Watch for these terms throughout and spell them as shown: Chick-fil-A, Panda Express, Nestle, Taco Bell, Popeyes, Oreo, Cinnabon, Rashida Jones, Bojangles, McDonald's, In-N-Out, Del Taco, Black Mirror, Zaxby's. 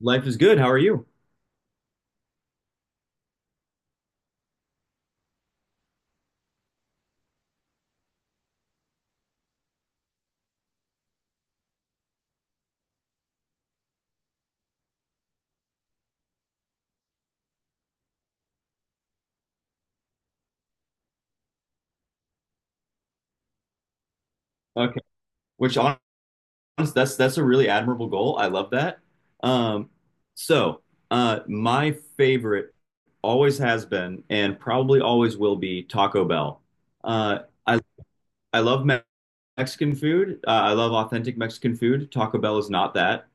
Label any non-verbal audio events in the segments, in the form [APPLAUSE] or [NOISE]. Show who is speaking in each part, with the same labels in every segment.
Speaker 1: Life is good. How are you? Okay. Which honest, that's a really admirable goal. I love that. Um, so my favorite always has been and probably always will be Taco Bell. Uh, I I love Mexican food. I love authentic Mexican food. Taco Bell is not that.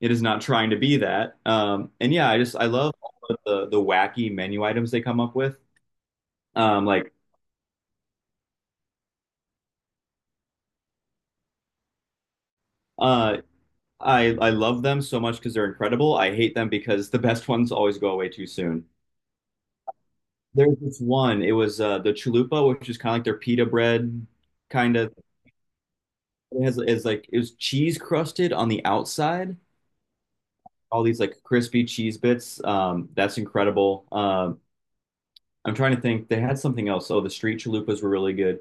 Speaker 1: It is not trying to be that. And yeah, I just I love all of the wacky menu items they come up with. Um, like. uh. I love them so much because they're incredible. I hate them because the [LAUGHS] best ones always go away too soon. There's this one. It was the chalupa, which is kind of like their pita bread, kind of. It has is like it was cheese crusted on the outside. All these like crispy cheese bits. That's incredible. I'm trying to think. They had something else. Oh, the street chalupas were really good.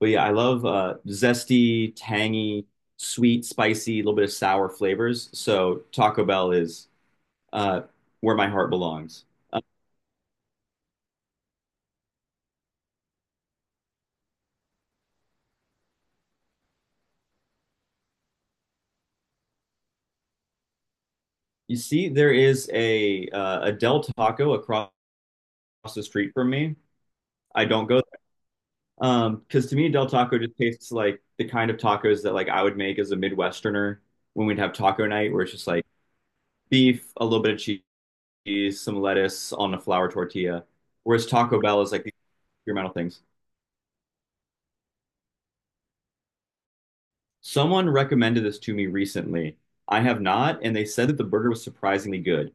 Speaker 1: But yeah, I love zesty, tangy, sweet, spicy, a little bit of sour flavors. So Taco Bell is uh, where my heart belongs. You see, there is a Del Taco across the street from me. I don't go there. Because to me, Del Taco just tastes like the kind of tacos that like I would make as a Midwesterner when we'd have taco night, where it's just like beef, a little bit of cheese, some lettuce on a flour tortilla. Whereas Taco Bell is like these experimental things. Someone recommended this to me recently. I have not, and they said that the burger was surprisingly good.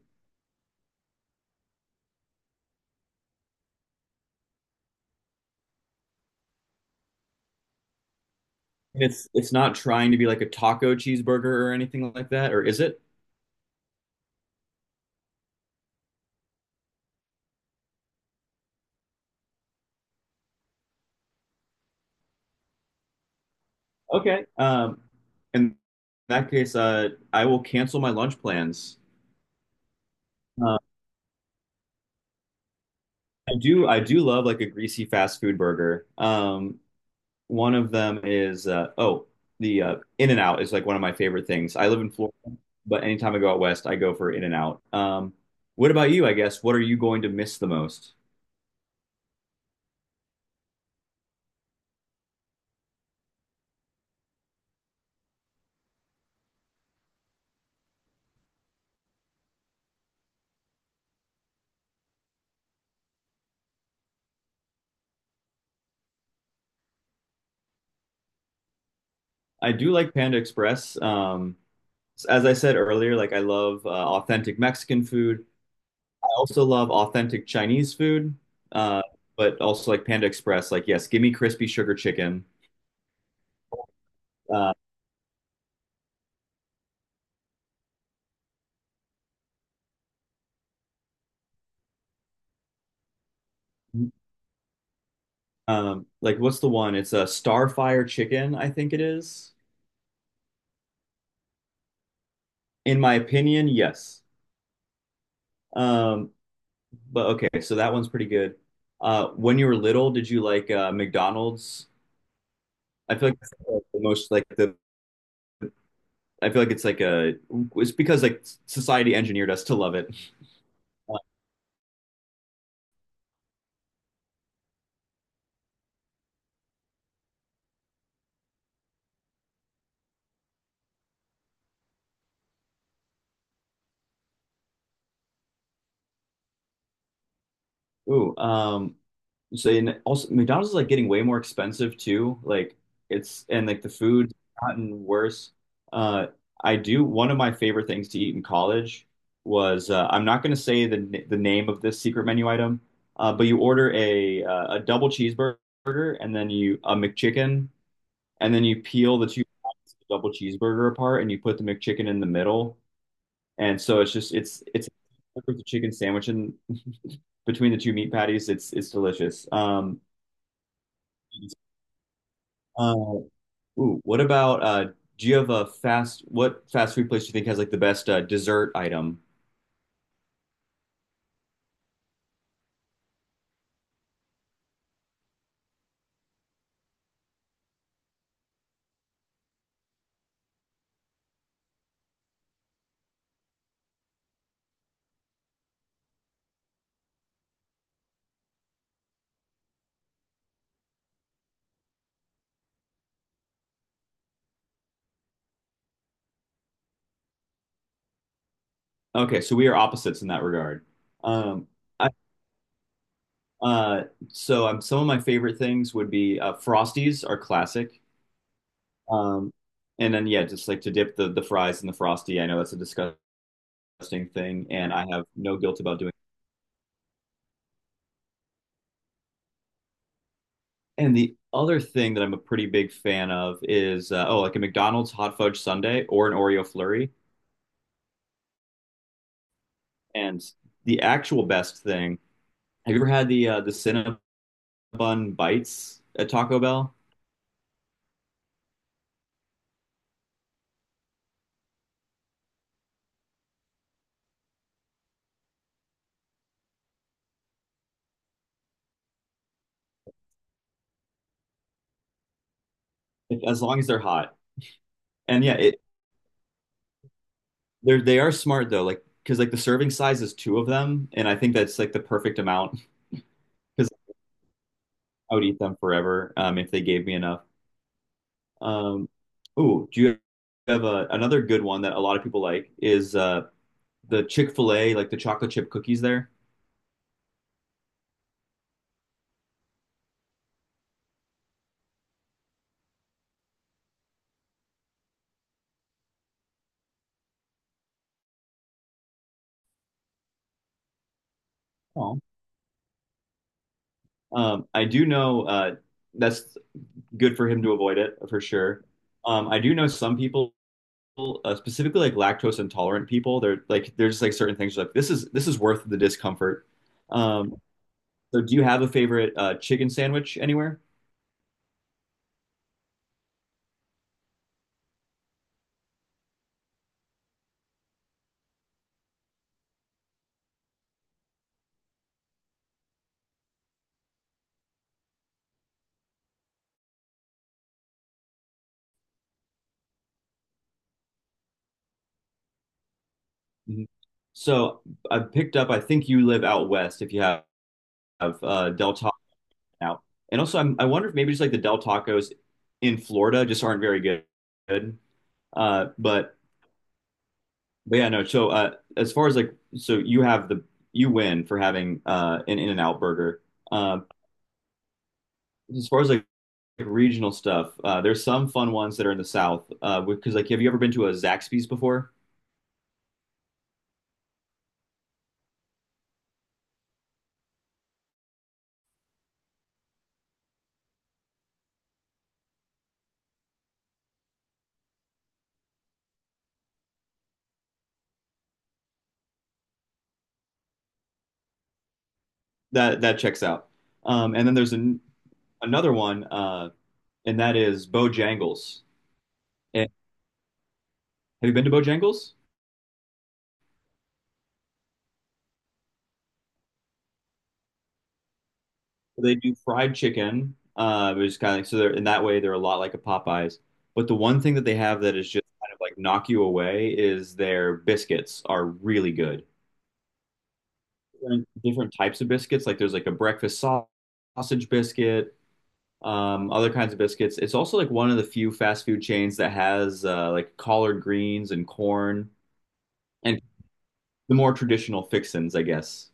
Speaker 1: And it's not trying to be like a taco cheeseburger or anything like that, or is it? Okay. In that case, I will cancel my lunch plans. Uh, I do love like a greasy fast food burger. One of them is oh, the In-N-Out is like one of my favorite things. I live in Florida, but anytime I go out west, I go for In-N-Out. What about you, I guess? What are you going to miss the most? I do like Panda Express. As I said earlier, like I love authentic Mexican food. I also love authentic Chinese food, uh, but also like Panda Express. Like, yes, give me crispy sugar chicken. Uh, like, what's the one? It's a Starfire chicken, I think it is. In my opinion, yes. Um, but okay, so that one's pretty good. When you were little, did you like McDonald's? I feel like it's like, the most like the. I feel like it's like a. It's because like society engineered us to love it. Uh, ooh, um, So and also McDonald's is like getting way more expensive too. Like it's and like the food's gotten worse. Uh, I do one of my favorite things to eat in college was I'm not going to say the name of this secret menu item, but you order a double cheeseburger and then you a McChicken and then you peel the two sides of the double cheeseburger apart and you put the McChicken in the middle. And so it's just it's with the chicken sandwich in between the two meat patties. It's delicious. Uh, what about do you have a fast what fast food place do you think has like the best dessert item? Okay, so we are opposites in that regard. Um, I uh, so Some of my favorite things would be Frosties are classic. Um, and then yeah, just like to dip the fries in the Frosty. I know that's a disgusting thing, and I have no guilt about doing it. And the other thing that I'm a pretty big fan of is like a McDonald's hot fudge sundae or an Oreo flurry. And the actual best thing, have you ever had the Cinnabon bites at Taco Bell? If- as long as they're hot. And yeah, they are smart though, like because like the serving size is two of them, and I think that's like the perfect amount because I would eat them forever if they gave me enough. Um, do you have another good one that a lot of people like is the Chick-fil-A, like the chocolate chip cookies there? Oh. I do know that's good for him to avoid it for sure. I do know some people, specifically like lactose intolerant people, they're like there's like certain things like this is worth the discomfort. Um, so do you have a favorite chicken sandwich anywhere? Mhm. So I picked up. I think you live out west. If you Have Del Taco. Out. And also, I wonder if maybe just like the Del Tacos in Florida just aren't very good. Good. Uh, but but yeah, no. As far as like, so you have the you win for having an In-N-Out burger. Um, as far as like regional stuff, there's some fun ones that are in the South. Because like, have you ever been to a Zaxby's before? That that checks out. And then there's an, Another one, and that is Bojangles. And, have you been to Bojangles? They do fried chicken, which is kind of like, so they're in that way they're a lot like a Popeyes. But the one thing that they have that is just kind of like knock you away is their biscuits are really good. Different types of biscuits, like there's like a breakfast sausage biscuit, other kinds of biscuits. It's also like one of the few fast food chains that has like collard greens and corn and the more traditional fixins, I guess.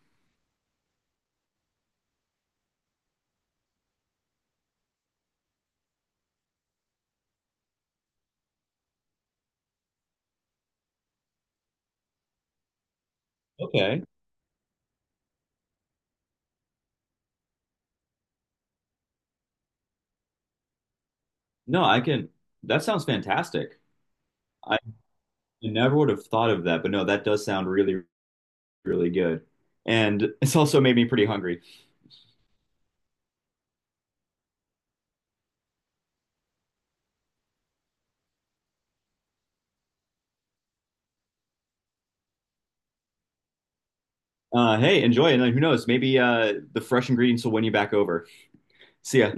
Speaker 1: Okay. No, I can. That sounds fantastic. I never would have thought of that, but no, that does sound really really good. And it's also made me pretty hungry. Hey, enjoy, and who knows? Maybe the fresh ingredients will win you back over. See ya.